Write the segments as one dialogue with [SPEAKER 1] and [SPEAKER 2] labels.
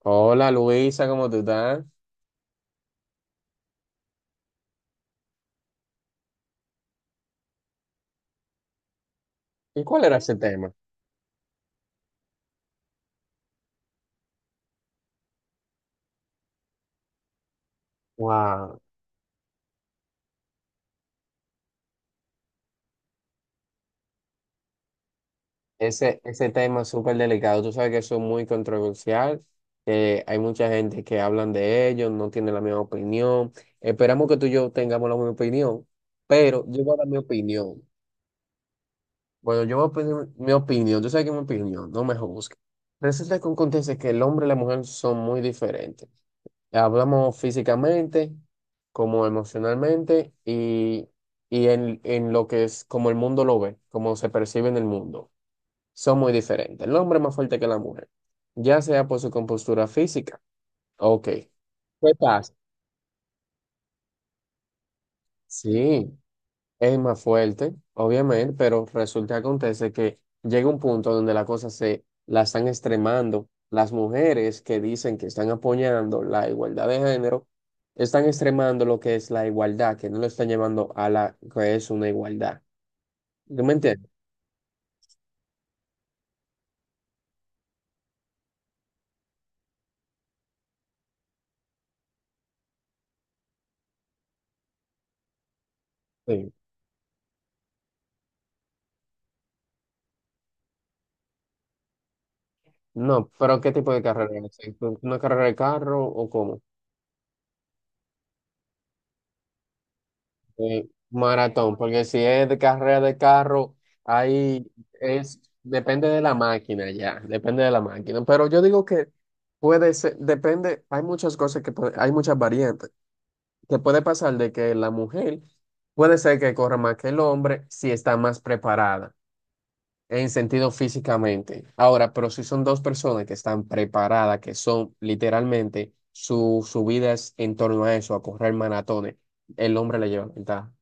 [SPEAKER 1] Hola Luisa, ¿cómo tú estás? ¿Y cuál era ese tema? Wow, ese tema es súper delicado. Tú sabes que eso es muy controversial, que hay mucha gente que hablan de ello, no tiene la misma opinión. Esperamos que tú y yo tengamos la misma opinión, pero yo voy a dar mi opinión. Bueno, yo voy a pedir mi opinión, tú sabes que es mi opinión, no me juzgues. Resulta que acontece que el hombre y la mujer son muy diferentes. Hablamos físicamente, como emocionalmente y en lo que es como el mundo lo ve, como se percibe en el mundo. Son muy diferentes. El hombre es más fuerte que la mujer, ya sea por su compostura física. Ok, ¿qué pasa? Sí. Es más fuerte, obviamente, pero resulta que acontece que llega un punto donde la cosa se la están extremando. Las mujeres que dicen que están apoyando la igualdad de género, están extremando lo que es la igualdad, que no lo están llevando a la que es una igualdad. ¿Tú me entiendes? Sí. No, pero ¿qué tipo de carrera es? Es? ¿Una carrera de carro o cómo? Maratón, porque si es de carrera de carro, ahí es, depende de la máquina ya, depende de la máquina. Pero yo digo que puede ser, depende, hay muchas cosas hay muchas variantes, que puede pasar de que la mujer puede ser que corra más que el hombre si está más preparada. En sentido físicamente. Ahora, pero si son dos personas que están preparadas, que son literalmente su vida es en torno a eso, a correr maratones, el hombre le lleva ventaja.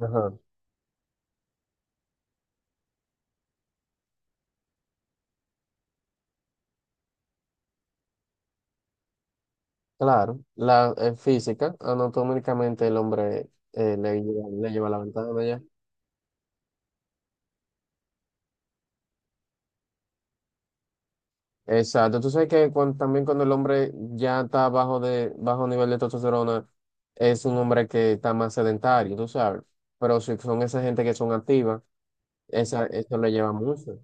[SPEAKER 1] Ajá. Claro, la física, anatómicamente el hombre le lleva la ventana ya. Exacto, tú sabes que también cuando el hombre ya está bajo nivel de testosterona, es un hombre que está más sedentario, tú sabes. Pero si son esa gente que son activas, esa, eso lo lleva mucho.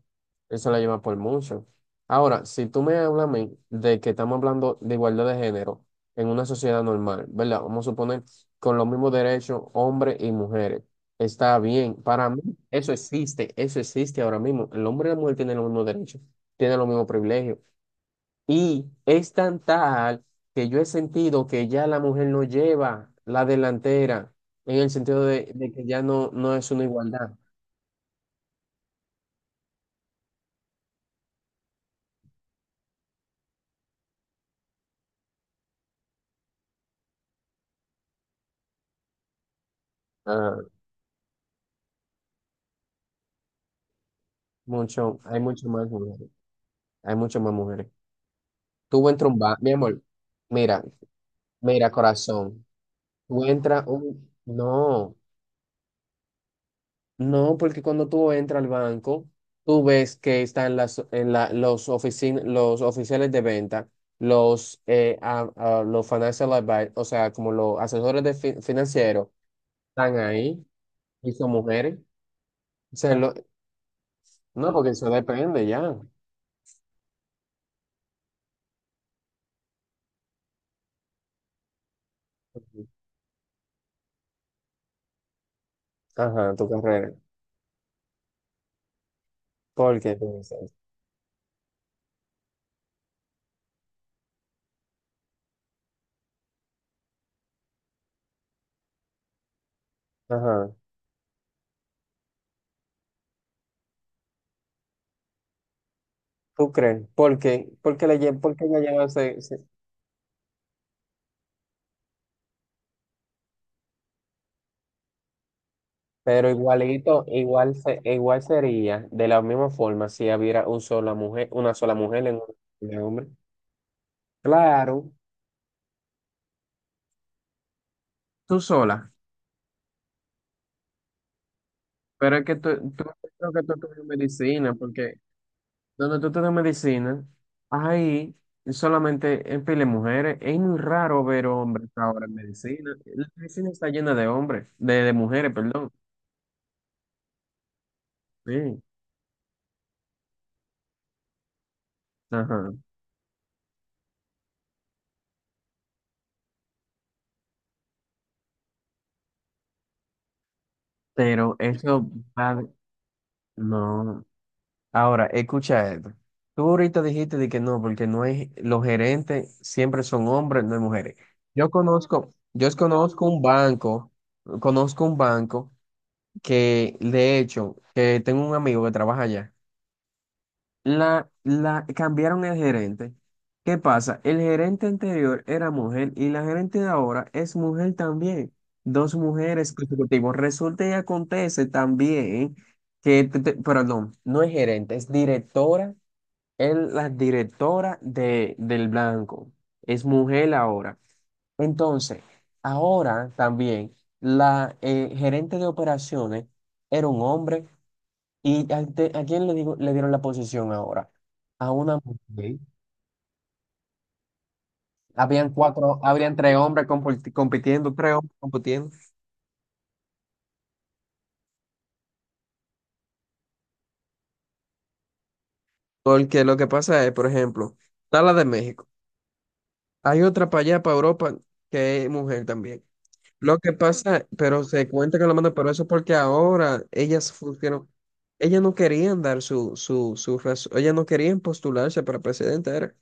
[SPEAKER 1] Eso lo lleva por mucho. Ahora, si tú me hablas a mí de que estamos hablando de igualdad de género en una sociedad normal, ¿verdad? Vamos a suponer con los mismos derechos hombres y mujeres. Está bien. Para mí, eso existe. Eso existe ahora mismo. El hombre y la mujer tienen los mismos derechos, tienen los mismos privilegios. Y es tan tal que yo he sentido que ya la mujer no lleva la delantera en el sentido de que ya no es una igualdad. Ah, mucho, hay mucho más mujeres, hay mucho más mujeres. Tú entras un bar, mi amor, mira, mira, corazón, tú entras un, no, no, porque cuando tú entras al banco, tú ves que están los los oficiales de venta, los, a- los financial advi- o sea, como los asesores de financieros, están ahí y son mujeres. O sea, lo- no, porque eso depende ya. Ajá, tu carrera. ¿Por qué tú dices? Ajá. ¿Tú crees? ¿Por qué? Porque ella lleva pero igualito, igual sería de la misma forma si hubiera un sola mujer, una sola mujer en un en hombre. Claro, tú sola. Pero es que tú creo que tú estudias medicina, porque donde tú estudias medicina, ahí solamente en pile mujeres. Es muy raro ver hombres ahora en medicina. La medicina está llena de hombres, de mujeres, perdón. Sí, ajá. Pero eso va, no. Ahora, escucha esto. Tú ahorita dijiste de que no, porque no hay, los gerentes siempre son hombres, no hay mujeres. Yo conozco, yo conozco un banco, Conozco un banco que, de hecho, que tengo un amigo que trabaja allá. Cambiaron el gerente. ¿Qué pasa? El gerente anterior era mujer y la gerente de ahora es mujer también. Dos mujeres consecutivas. Resulta y acontece también que, perdón, no es gerente, es directora, es la directora de, del Blanco. Es mujer ahora. Entonces, ahora también la gerente de operaciones era un hombre. ¿Y a quién le, digo, le dieron la posición ahora? A una mujer. Habrían tres hombres compitiendo, tres hombres compitiendo. Porque lo que pasa es, por ejemplo, está la de México. Hay otra para allá, para Europa, que es mujer también. Lo que pasa, pero se cuenta con la mano, pero eso es porque ahora ellas funcionan, ellas no querían dar su, su, su raz- ellas no querían postularse para presidente, era.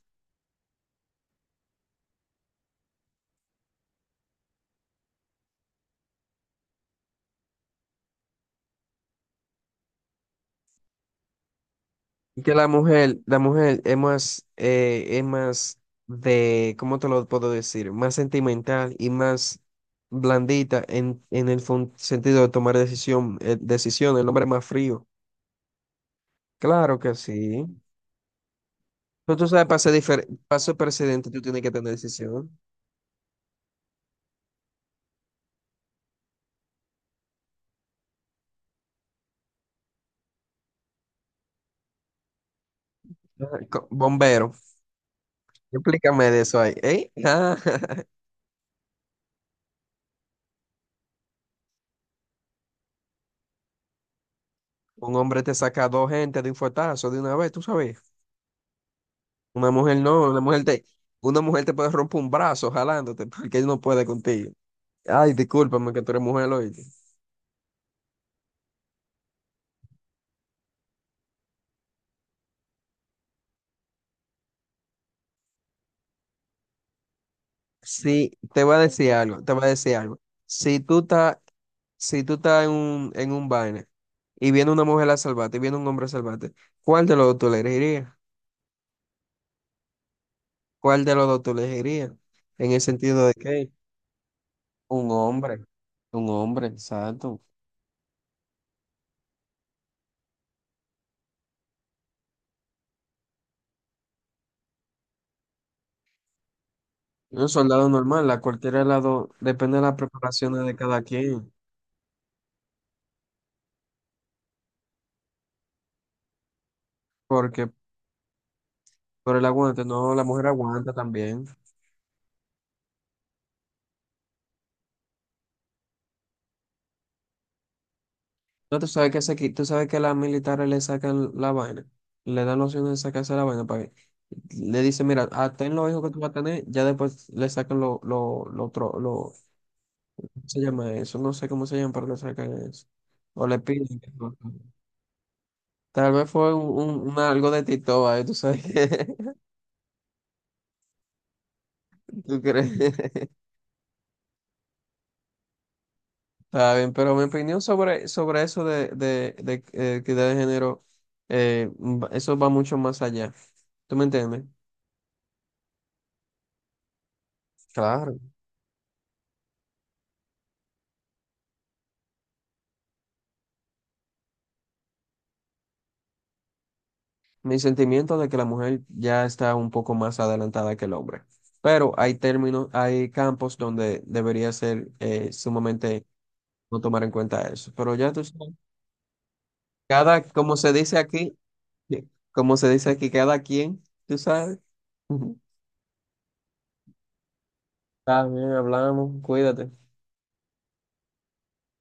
[SPEAKER 1] Y que la mujer es más de, ¿cómo te lo puedo decir? Más sentimental y más blandita en el sentido de tomar decisiones, el hombre es más frío. Claro que sí. Pero tú sabes, para ser presidente, tú tienes que tener decisión. Ajá. Bombero. Explícame de eso ahí. ¿Eh? Ah, un hombre te saca dos gente de un fuetazo de una vez, tú sabes. Una mujer no, una mujer te puede romper un brazo jalándote porque él no puede contigo. Ay, discúlpame que tú eres mujer, oíste. Sí, te voy a decir algo, te voy a decir algo. Si tú estás, si tú estás en un vaina y viene una mujer a salvarte y viene un hombre a salvarte, ¿cuál de los dos tú elegirías? ¿Cuál de los dos tú elegirías? En el sentido de que un hombre, un hombre, exacto. Un soldado normal, a cualquier lado, depende de la preparación de cada quien, porque por el aguante, no, la mujer aguanta también. No, tú sabes que se, tú sabes que a las militares le sacan la vaina, le dan la opción de sacarse la vaina para que le dicen, mira, ah, ten los hijos que tú vas a tener, ya después le sacan lo otro, lo, ¿cómo se llama eso? No sé cómo se llama, pero le sacan eso. O le piden que lo hagan. Tal vez fue un algo de Tito, ahí, tú sabes que, tú crees. Está bien, pero mi opinión sobre eso de, equidad de género, eso va mucho más allá. ¿Tú me entiendes? Claro. Mi sentimiento de que la mujer ya está un poco más adelantada que el hombre. Pero hay términos, hay campos donde debería ser sumamente no tomar en cuenta eso. Pero ya tú sabes, cada, como se dice aquí, como se dice aquí, cada quien, tú sabes. Está bien, hablamos, cuídate.